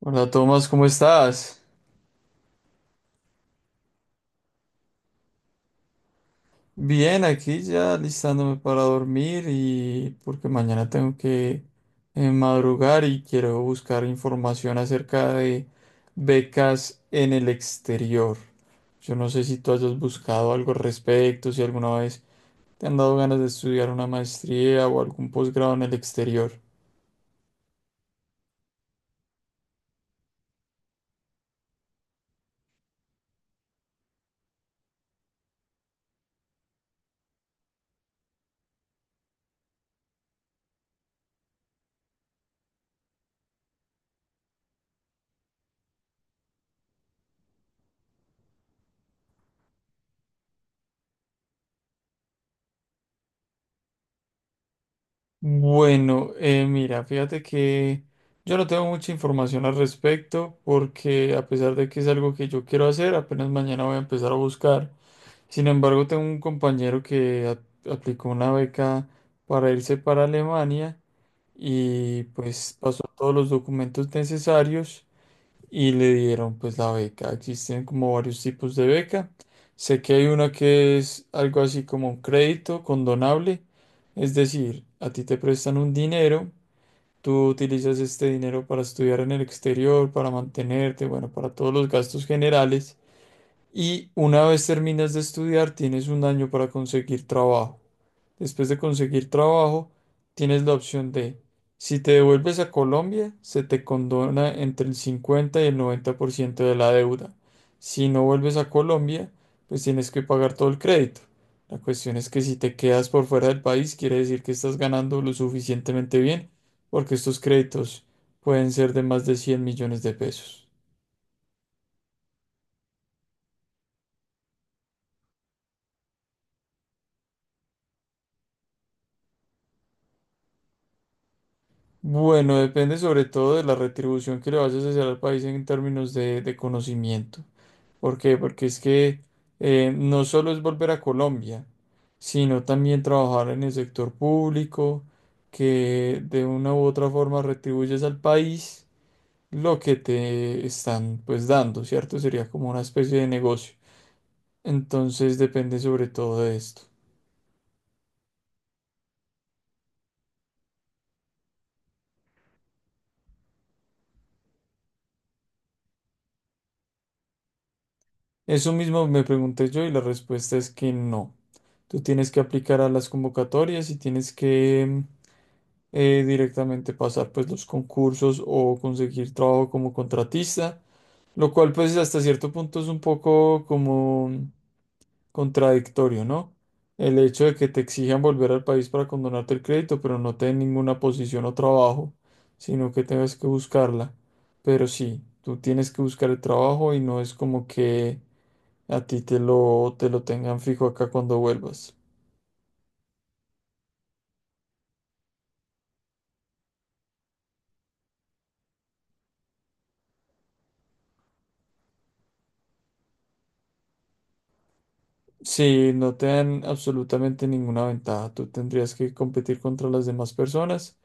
Hola Tomás, ¿cómo estás? Bien, aquí ya listándome para dormir y porque mañana tengo que madrugar y quiero buscar información acerca de becas en el exterior. Yo no sé si tú hayas buscado algo al respecto, si alguna vez te han dado ganas de estudiar una maestría o algún posgrado en el exterior. Bueno, mira, fíjate que yo no tengo mucha información al respecto porque a pesar de que es algo que yo quiero hacer, apenas mañana voy a empezar a buscar. Sin embargo, tengo un compañero que aplicó una beca para irse para Alemania y pues pasó todos los documentos necesarios y le dieron pues la beca. Existen como varios tipos de beca. Sé que hay una que es algo así como un crédito condonable, es decir, a ti te prestan un dinero, tú utilizas este dinero para estudiar en el exterior, para mantenerte, bueno, para todos los gastos generales. Y una vez terminas de estudiar, tienes un año para conseguir trabajo. Después de conseguir trabajo, tienes la opción de, si te devuelves a Colombia, se te condona entre el 50 y el 90% de la deuda. Si no vuelves a Colombia, pues tienes que pagar todo el crédito. La cuestión es que si te quedas por fuera del país, quiere decir que estás ganando lo suficientemente bien, porque estos créditos pueden ser de más de 100 millones de pesos. Bueno, depende sobre todo de la retribución que le vayas a hacer al país en términos de conocimiento. ¿Por qué? Porque es que no solo es volver a Colombia, sino también trabajar en el sector público, que de una u otra forma retribuyes al país lo que te están pues dando, ¿cierto? Sería como una especie de negocio. Entonces depende sobre todo de esto. Eso mismo me pregunté yo y la respuesta es que no. Tú tienes que aplicar a las convocatorias y tienes que directamente pasar pues los concursos o conseguir trabajo como contratista, lo cual pues hasta cierto punto es un poco como contradictorio, ¿no? El hecho de que te exijan volver al país para condonarte el crédito, pero no te den ninguna posición o trabajo, sino que tengas que buscarla. Pero sí, tú tienes que buscar el trabajo y no es como que a ti te lo tengan fijo acá cuando vuelvas. Si no te dan absolutamente ninguna ventaja, tú tendrías que competir contra las demás personas,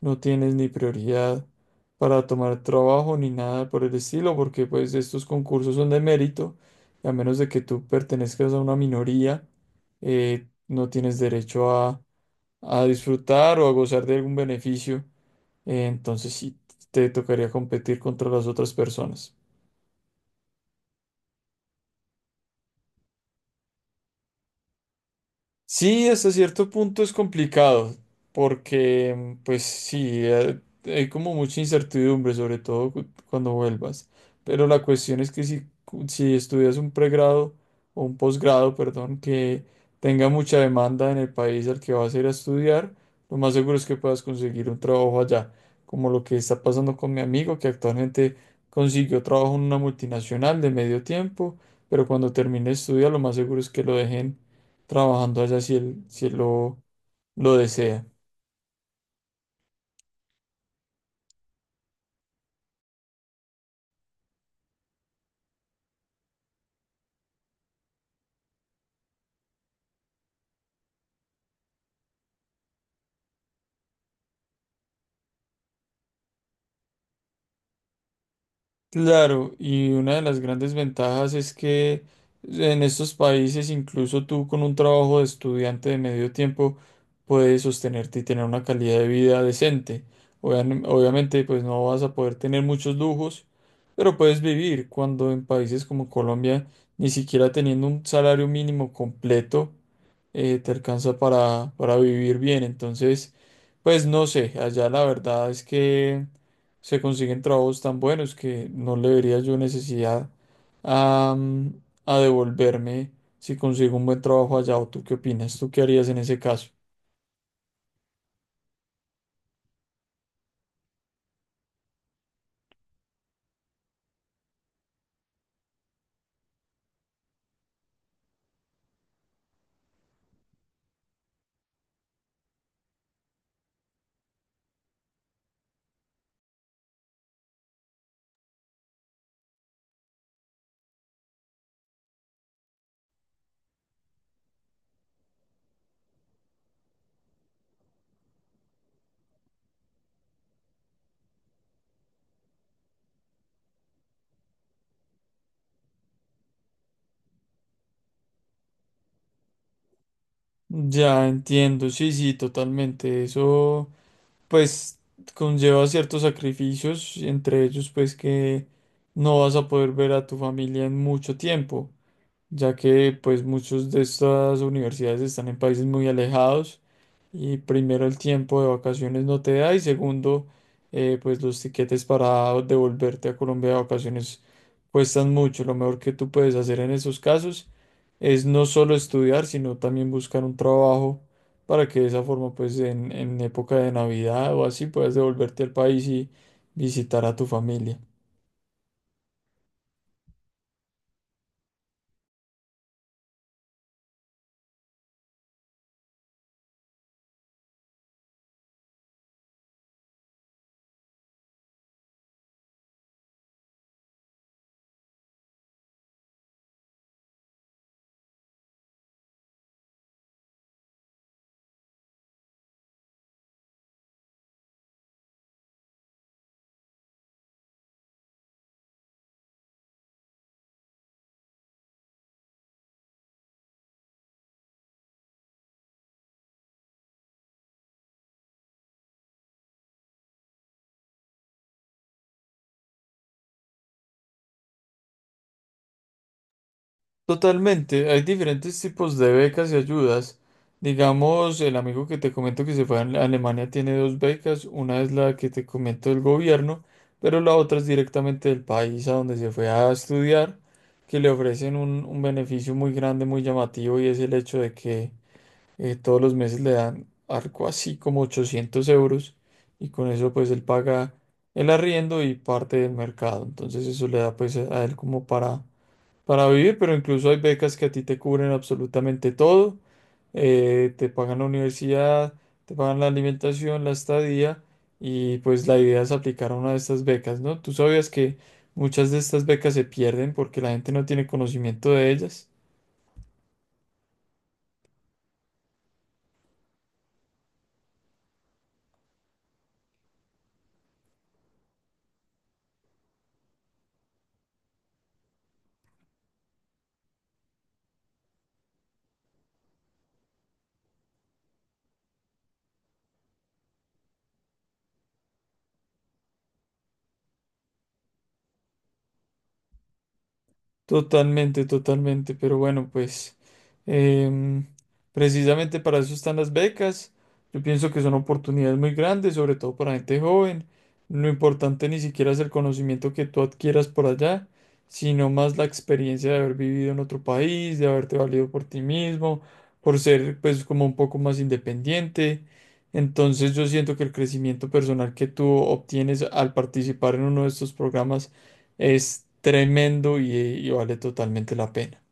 no tienes ni prioridad para tomar trabajo ni nada por el estilo, porque pues estos concursos son de mérito, y a menos de que tú pertenezcas a una minoría, no tienes derecho a disfrutar o a gozar de algún beneficio, entonces sí te tocaría competir contra las otras personas. Sí, hasta cierto punto es complicado, porque pues sí, hay como mucha incertidumbre, sobre todo cuando vuelvas. Pero la cuestión es que si, si estudias un pregrado o un posgrado, perdón, que tenga mucha demanda en el país al que vas a ir a estudiar, lo más seguro es que puedas conseguir un trabajo allá, como lo que está pasando con mi amigo, que actualmente consiguió trabajo en una multinacional de medio tiempo, pero cuando termine de estudiar, lo más seguro es que lo dejen trabajando allá si él, si él lo desea. Claro, y una de las grandes ventajas es que en estos países, incluso tú con un trabajo de estudiante de medio tiempo, puedes sostenerte y tener una calidad de vida decente. Obviamente, pues no vas a poder tener muchos lujos, pero puedes vivir cuando en países como Colombia, ni siquiera teniendo un salario mínimo completo, te alcanza para vivir bien. Entonces, pues no sé, allá la verdad es que se consiguen trabajos tan buenos que no le vería yo necesidad a, a devolverme si consigo un buen trabajo allá. ¿O tú qué opinas? ¿Tú qué harías en ese caso? Ya entiendo, sí, sí, totalmente. Eso, pues, conlleva ciertos sacrificios, entre ellos, pues, que no vas a poder ver a tu familia en mucho tiempo, ya que pues muchos de estas universidades están en países muy alejados y primero el tiempo de vacaciones no te da y segundo pues los tiquetes para devolverte a Colombia de vacaciones cuestan mucho. Lo mejor que tú puedes hacer en esos casos es no solo estudiar, sino también buscar un trabajo para que de esa forma pues en época de Navidad o así puedas devolverte al país y visitar a tu familia. Totalmente, hay diferentes tipos de becas y ayudas. Digamos, el amigo que te comento que se fue a Alemania tiene dos becas, una es la que te comento del gobierno, pero la otra es directamente del país a donde se fue a estudiar, que le ofrecen un beneficio muy grande, muy llamativo, y es el hecho de que todos los meses le dan algo así como 800 euros, y con eso pues él paga el arriendo y parte del mercado. Entonces eso le da pues a él como para vivir, pero incluso hay becas que a ti te cubren absolutamente todo. Te pagan la universidad, te pagan la alimentación, la estadía y pues la idea es aplicar a una de estas becas, ¿no? Tú sabías que muchas de estas becas se pierden porque la gente no tiene conocimiento de ellas. Totalmente, totalmente, pero bueno, pues em, precisamente para eso están las becas. Yo pienso que son oportunidades muy grandes, sobre todo para gente joven. Lo importante ni siquiera es el conocimiento que tú adquieras por allá, sino más la experiencia de haber vivido en otro país, de haberte valido por ti mismo, por ser pues como un poco más independiente. Entonces yo siento que el crecimiento personal que tú obtienes al participar en uno de estos programas es tremendo y vale totalmente la pena.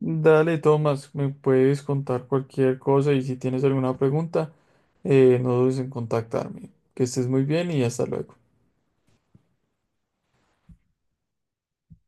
Dale, Tomás, me puedes contar cualquier cosa y si tienes alguna pregunta, no dudes en contactarme. Que estés muy bien y hasta luego.